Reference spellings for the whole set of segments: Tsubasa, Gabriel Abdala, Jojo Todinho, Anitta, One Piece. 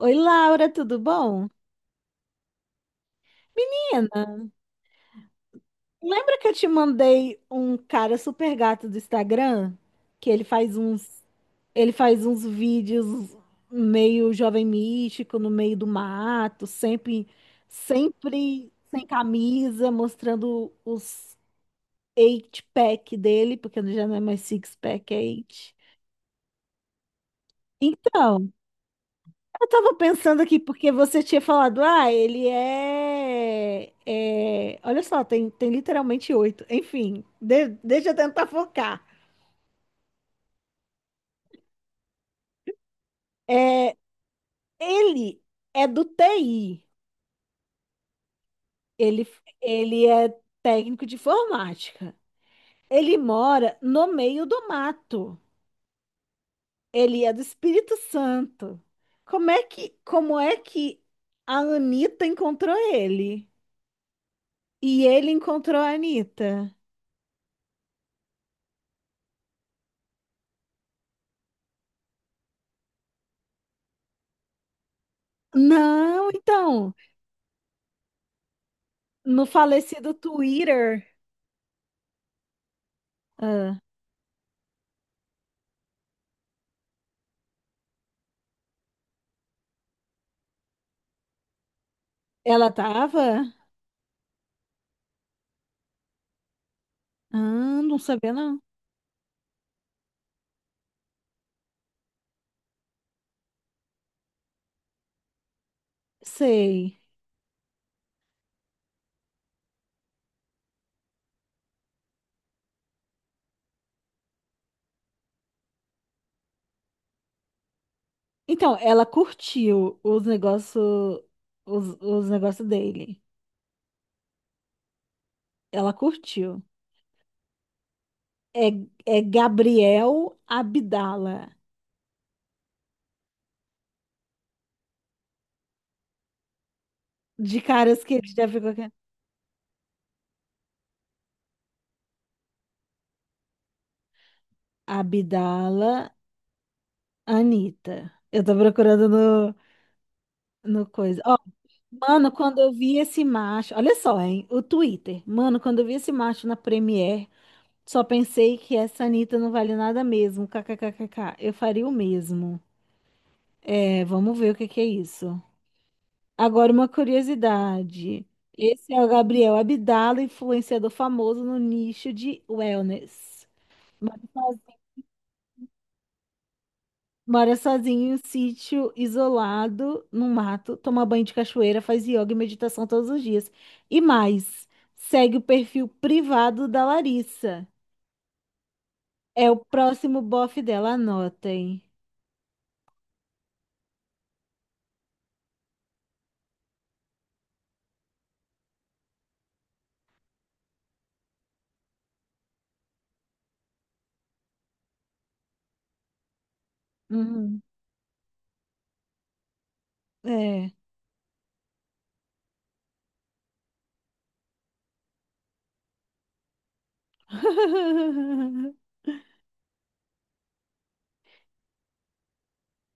Oi, Laura, tudo bom? Menina, lembra que eu te mandei um cara super gato do Instagram? Que ele faz uns vídeos meio jovem místico, no meio do mato, sempre sem camisa, mostrando os eight pack dele, porque já não é mais six pack, é eight. Então, eu tava pensando aqui, porque você tinha falado, ah, Olha só, tem literalmente oito. Enfim, deixa eu tentar focar. É, ele é do TI. Ele, ele é técnico de informática. Ele mora no meio do mato. Ele é do Espírito Santo. Como é que a Anitta encontrou ele? E ele encontrou a Anitta? Não, então. No falecido Twitter, ah, ela tava? Ah, não sabia não. Sei. Então, ela curtiu os negócios dele. Ela curtiu. É, é Gabriel Abdala. De caras que ele já ficou aqui. Abdala Anitta. Eu tô procurando no coisa. Ó, mano, quando eu vi esse macho. Olha só, hein? O Twitter. Mano, quando eu vi esse macho na Premiere. Só pensei que essa Anitta não vale nada mesmo. KKKKK. Eu faria o mesmo. É, vamos ver o que que é isso. Agora, uma curiosidade. Esse é o Gabriel Abdala, influenciador famoso no nicho de wellness. Mora sozinho, mora sozinho em um sítio isolado, no mato, toma banho de cachoeira, faz yoga e meditação todos os dias. E mais, segue o perfil privado da Larissa. É o próximo bofe dela, anotem. Uhum. É.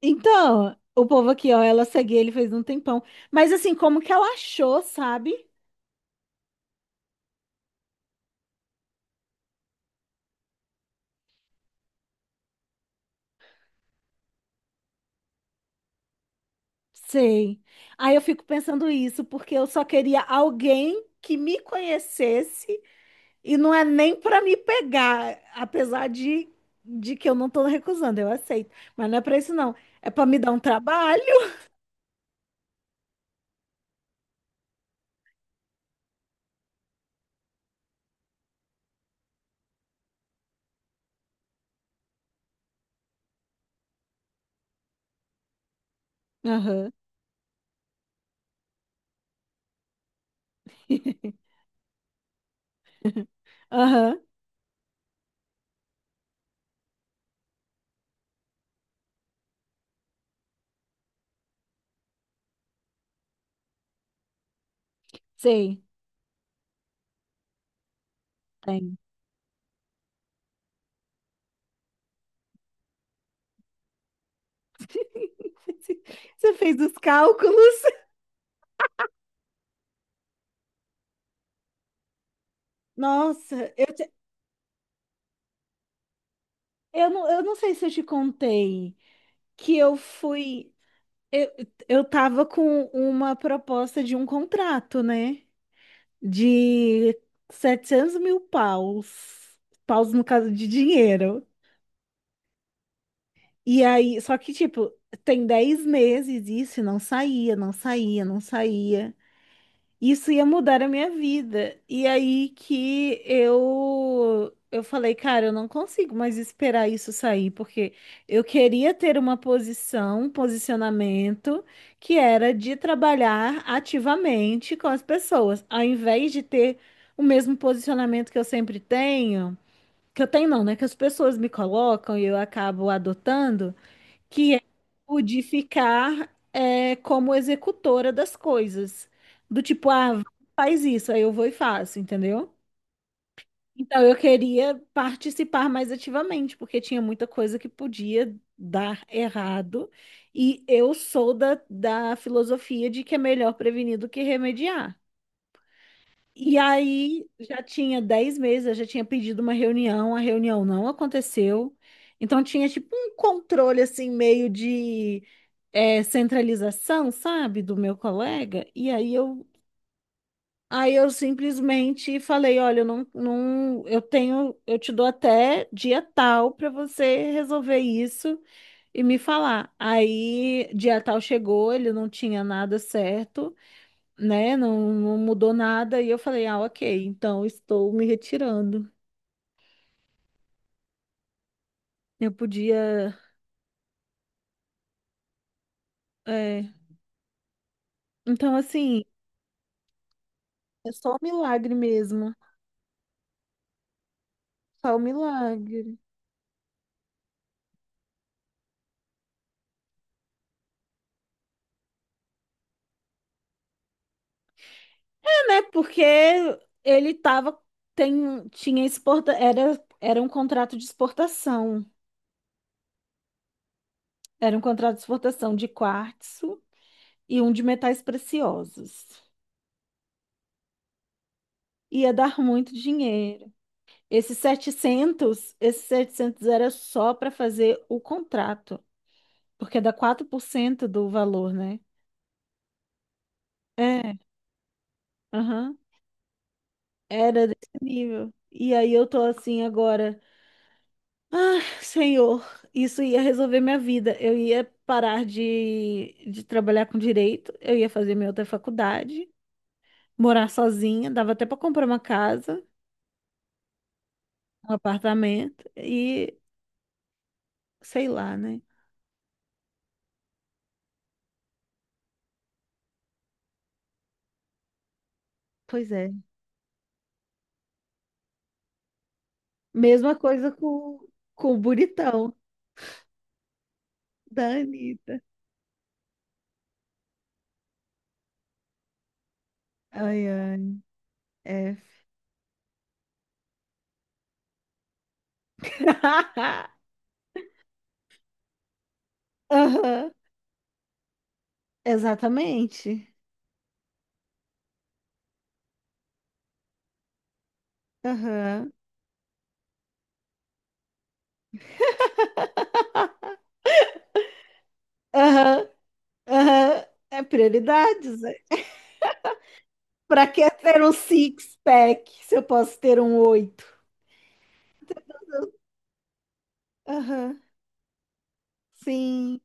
Então, o povo aqui, ó, ela segue ele fez um tempão. Mas assim, como que ela achou, sabe? Sei. Aí eu fico pensando isso, porque eu só queria alguém que me conhecesse e não é nem pra me pegar, apesar de que eu não tô recusando, eu aceito. Mas não é pra isso, não. É pra me dar um trabalho. Aham. Aham. Sei. Tem. Você fez os cálculos. Nossa. Eu não sei se eu te contei que eu fui. Eu, eu tava com uma proposta de um contrato, né? De 700 mil paus. Paus no caso de dinheiro. E aí, só que, tipo, tem 10 meses isso e não saía, não saía, não saía. Isso ia mudar a minha vida. E aí que eu falei, cara, eu não consigo mais esperar isso sair, porque eu queria ter uma posição, um posicionamento que era de trabalhar ativamente com as pessoas, ao invés de ter o mesmo posicionamento que eu sempre tenho, que eu tenho não, né, que as pessoas me colocam e eu acabo adotando que é o de ficar como executora das coisas. Do tipo, ah, faz isso, aí eu vou e faço, entendeu? Então eu queria participar mais ativamente, porque tinha muita coisa que podia dar errado, e eu sou da filosofia de que é melhor prevenir do que remediar. E aí já tinha 10 meses, eu já tinha pedido uma reunião, a reunião não aconteceu. Então tinha tipo um controle assim meio de centralização, sabe, do meu colega, e aí eu simplesmente falei, olha, eu não, não, eu tenho, eu te dou até dia tal para você resolver isso e me falar. Aí dia tal chegou, ele não tinha nada certo, né? Não, não mudou nada e eu falei, ah, ok, então estou me retirando. Eu podia, é, então assim, é só um milagre mesmo, só um milagre. Né? Porque ele tava, tem, tinha exporta, era, era um contrato de exportação. Era um contrato de exportação de quartzo e um de metais preciosos. Ia dar muito dinheiro. Esses setecentos era só para fazer o contrato, porque dá 4% do valor, né? É, aham. Era desse nível. E aí eu tô assim agora. Ah, senhor, isso ia resolver minha vida. Eu ia parar de trabalhar com direito, eu ia fazer minha outra faculdade, morar sozinha, dava até para comprar uma casa, um apartamento e sei lá, né? Pois é. Mesma coisa com o bonitão da Anitta. Ai, ai, F. Aham, exatamente. Aham, aham, aham. É prioridades. Pra que ter um six-pack se eu posso ter um oito? Aham, sim,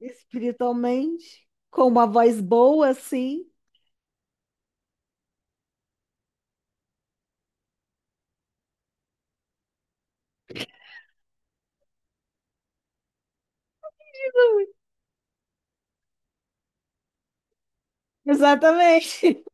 espiritualmente, com uma voz boa, sim. Exatamente.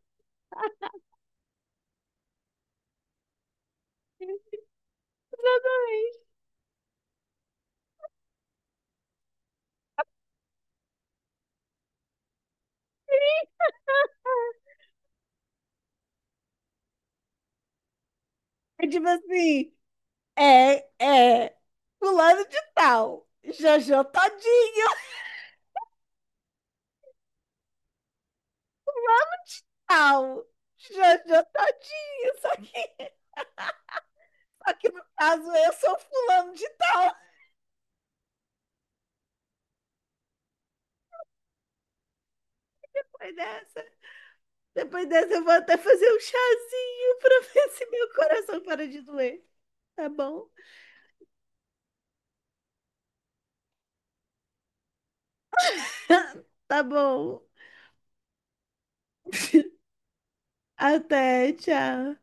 É tipo assim, é, é, fulano de tal, Jojo Todinho, só que no caso eu sou fulano de tal. Depois dessa, depois dessa eu vou até fazer um chazinho pra ver se meu coração para de doer, tá bom? Tá bom. Até, tchau.